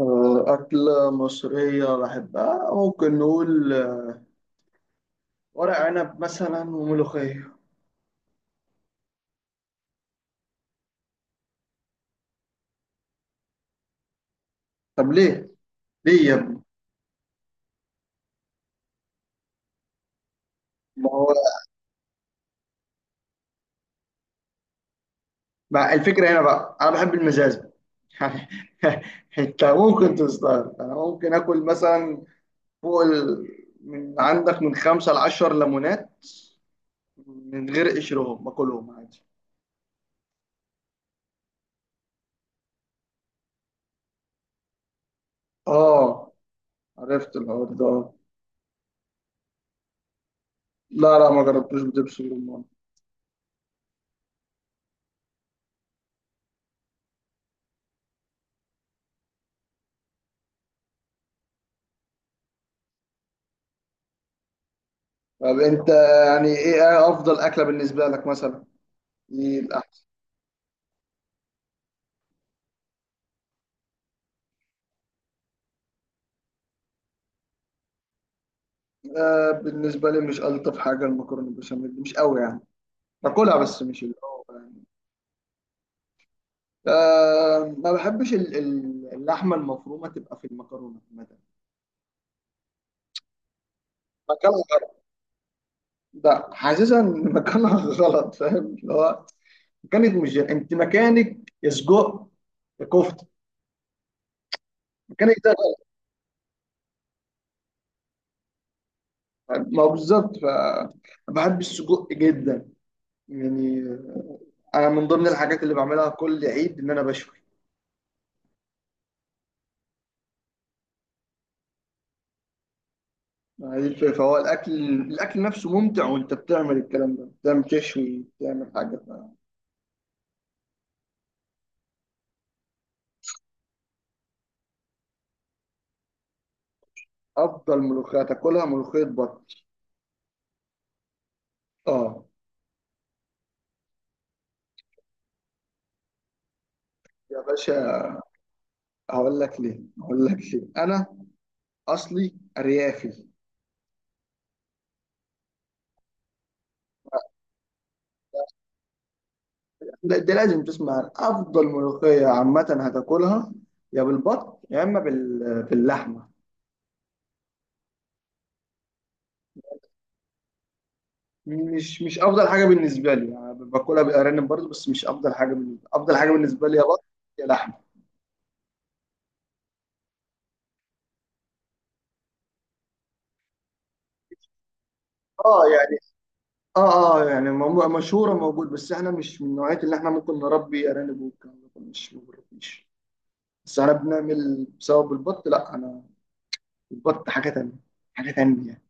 آه، أكلة مصرية بحبها، ممكن نقول ورق عنب مثلا وملوخية. طب ليه؟ ليه يا ابني؟ ما هو. ما الفكرة هنا بقى؟ أنا بحب المزاز. يعني أنت ممكن تستغرب، أنا ممكن آكل مثلا فوق من عندك من 5 لـ10 ليمونات، من غير قشرهم باكلهم عادي. آه، عرفت الحوار ده. لا، لا، ما جربتوش بدبس الرمان. طب أنت، يعني إيه أفضل أكلة بالنسبة لك مثلا؟ إيه؟ آه، بالنسبة لي مش ألطف حاجة المكرونة بالبشاميل، مش قوي يعني، باكلها بس مش اللي هو يعني. آه، ما بحبش اللحمة المفرومة تبقى في المكرونة مثلا. مكانها غلط. لا، حاسسها إن مكانها غلط، فاهم اللي هو، مكانك مش جاي. أنت مكانك يا سجق، يا كفتة، مكانك ده غلط. ما هو بالظبط. بحب السجق جدا يعني. أنا من ضمن الحاجات اللي بعملها كل عيد إن أنا بشوي. ما هي دي الفكرة، فهو الأكل، الأكل نفسه ممتع، وأنت بتعمل الكلام ده، بتعمل تشوي، بتعمل حاجة. أفضل ملوخية تاكلها ملوخية بط. آه، يا باشا، هقول لك ليه، هقول لك ليه. أنا أصلي أريافي. لا، ده لازم تسمع عن أفضل ملوخية عامة هتاكلها، يا بالبط يا إما باللحمة. مش أفضل حاجة بالنسبة لي، يعني باكلها بالأرانب برضه، بس مش أفضل حاجة بالنسبة لي. أفضل حاجة بالنسبة لي يا بط، يا لحمة. اه يعني، اه، اه، يعني مشهورة موجود، بس احنا مش من نوعية اللي احنا ممكن نربي ارانب والكلام ده كله، مش ما بنربيش. بس انا بنعمل بسبب البط، لا انا البط حاجة تانية، حاجة تانية يعني.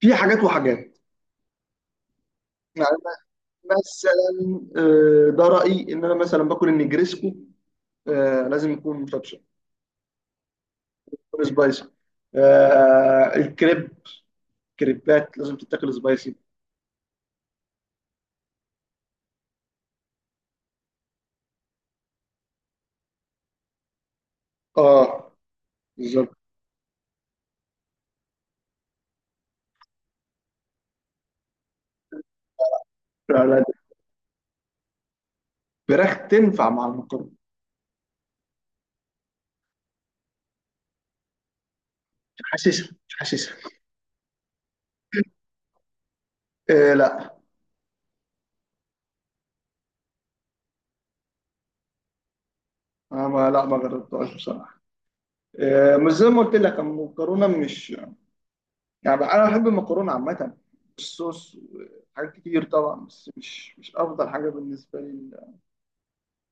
في حاجات وحاجات يعني، مثلا، ده رأيي ان انا مثلا باكل النجريسكو، لازم يكون مشطشط، يكون سبايسي. الكريب، كريبات لازم تتاكل سبايسي. اه، بالظبط. لا، لا. الفراخ تنفع مع المكرونة. مش حاسسها، مش حاسسها. آه، لا. أنا ما لا، ما جربتهاش بصراحة. آه، مش زي ما قلت لك، المكرونة مش يعني. أنا بحب المكرونة عامة، الصوص، حاجات كتير طبعا، بس مش أفضل حاجة بالنسبة لي إن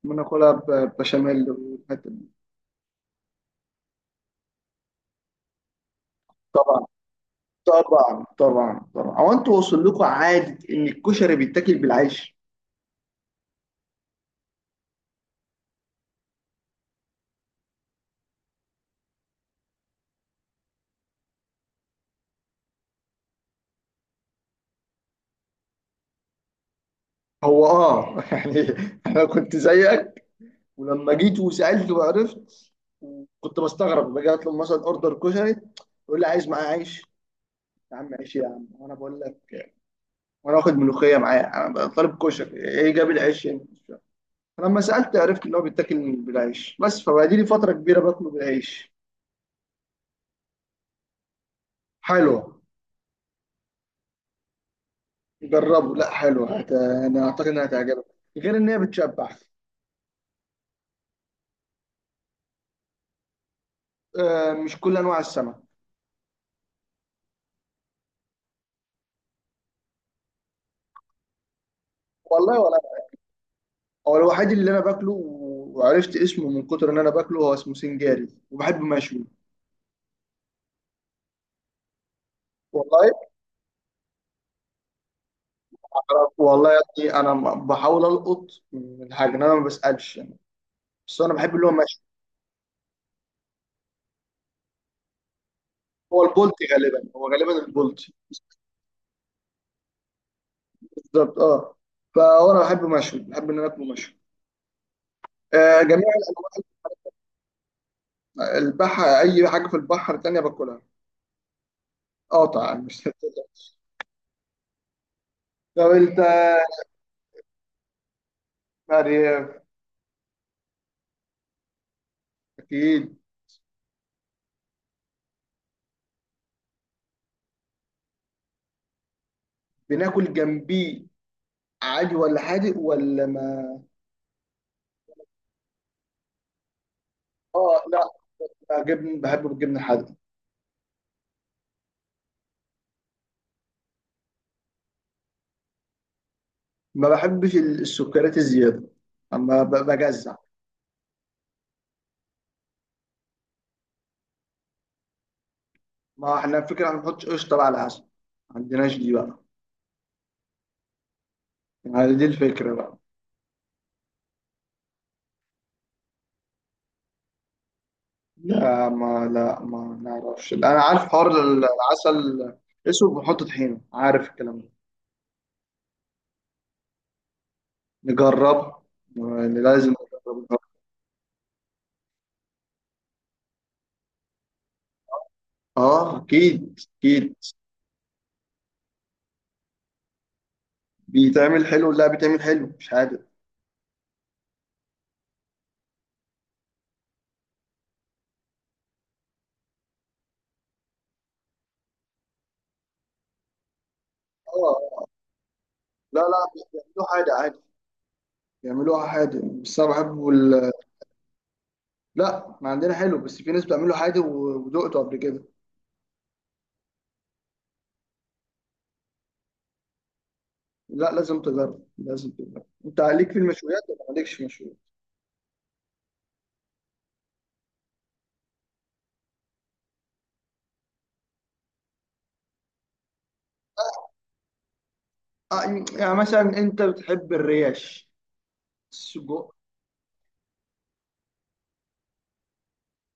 أنا آكلها ببشاميل والحتة دي. طبعا، طبعا، طبعا، طبعا. هو أنتوا وصل لكم عادة إن الكشري بيتاكل بالعيش؟ هو يعني أنا كنت زيك، ولما جيت وسألت وعرفت، كنت بستغرب، باجي أطلب مثلا أوردر كشري، يقول لي عايز معاه عيش. يا عم عيش يا عم، وانا بقول لك وانا واخد ملوخيه معايا، انا طالب كشري، ايه جاب العيش يعني؟ فلما سالت عرفت ان هو بيتاكل بالعيش بس، فبقالي لي فتره كبيره باكله بالعيش. حلوه. جربه، لا حلوه، انا اعتقد انها هتعجبك، غير ان هي بتشبع. آه، مش كل انواع السمك. والله ولا أنا. هو الوحيد اللي انا باكله وعرفت اسمه من كتر ان انا باكله، هو اسمه سنجاري وبحبه مشوي. والله، والله يا ابني، انا بحاول القط من الحاجه إن انا ما بسالش يعني. بس انا بحب اللي هو، هو البولت غالبا، هو غالبا البولت. بالظبط، اه. فانا بحب مشوي، بحب ان انا اكله مشوي. آه، جميع البحر، اي حاجه في البحر تانية باكلها، قاطع مش طب انت مريم. اكيد. بناكل جنبيه عادي ولا حادق ولا ما. اه، لا. جبن، بحبه بالجبن الحادق. ما بحبش السكريات الزياده، اما بجزع. ما احنا الفكره ما بنحطش قشطه بقى على العسل، ما عندناش دي بقى، يعني دي الفكره بقى. لا، ما نعرفش، انا عارف حوار العسل اسود بنحط طحينه، عارف الكلام ده. نجرب، يعني لازم نجرب، نجرب. اه، اكيد اكيد. بيتعمل حلو، لا بيتعمل حلو مش عادي. اه، لا، لا، بيعملوه حادق عادي، بيعملوها حادق، بس انا بحبه لا احنا عندنا حلو، بس في ناس بتعمله حادق ودقته قبل كده. لا لازم تجرب، لازم تجرب. انت عليك في المشويات ولا مالكش في المشويات؟ آه، يعني مثلا انت بتحب الريش، السجق.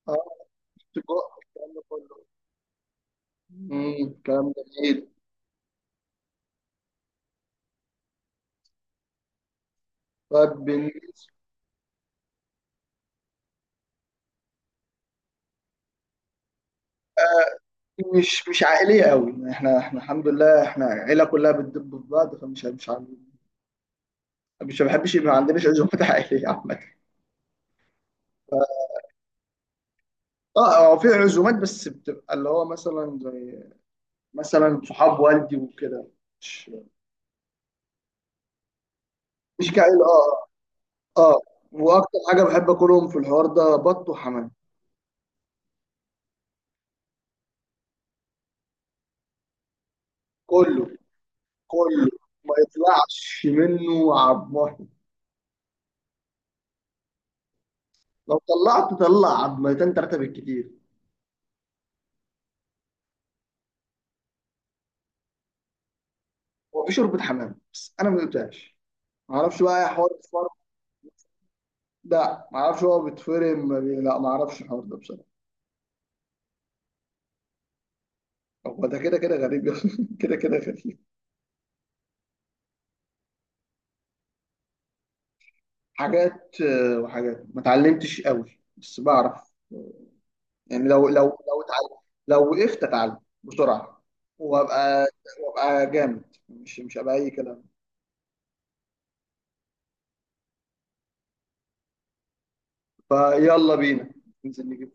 آه، أصدقاء الكلام ده كله. الكلام جميل. طيب، بالنسبة. مش عائلية قوي يعني، احنا الحمد لله احنا عيلة كلها بتدب في بعض، فمش مش عن- مش ما بحبش يبقى، ما عندناش عزومات عائلية عامة. اه، هو في عزومات، بس بتبقى اللي هو مثلا، زي مثلا صحاب والدي وكده. مش، مش كعيلة، اه، اه، اه. واكتر حاجة بحب اكلهم في الحوار ده بط وحمام. كله، كله، ما يطلعش منه عضمه. لو طلعت طلع عضمتين ثلاثة بالكتير. هو في شوربه حمام بس انا ما دقتهاش، ما اعرفش بقى يا حوار الفرن. لا ما اعرفش، هو بيتفرم، ما بي- لا ما اعرفش الحوار ده بصراحه. هو ده كده كده غريب يا أخي. كده كده غريب. حاجات، وحاجات ما اتعلمتش قوي، بس بعرف يعني، لو اتعلم، لو وقفت اتعلم بسرعه، وابقى وابقى جامد، مش هبقى اي كلام. فيلا بينا، ننزل نجيب.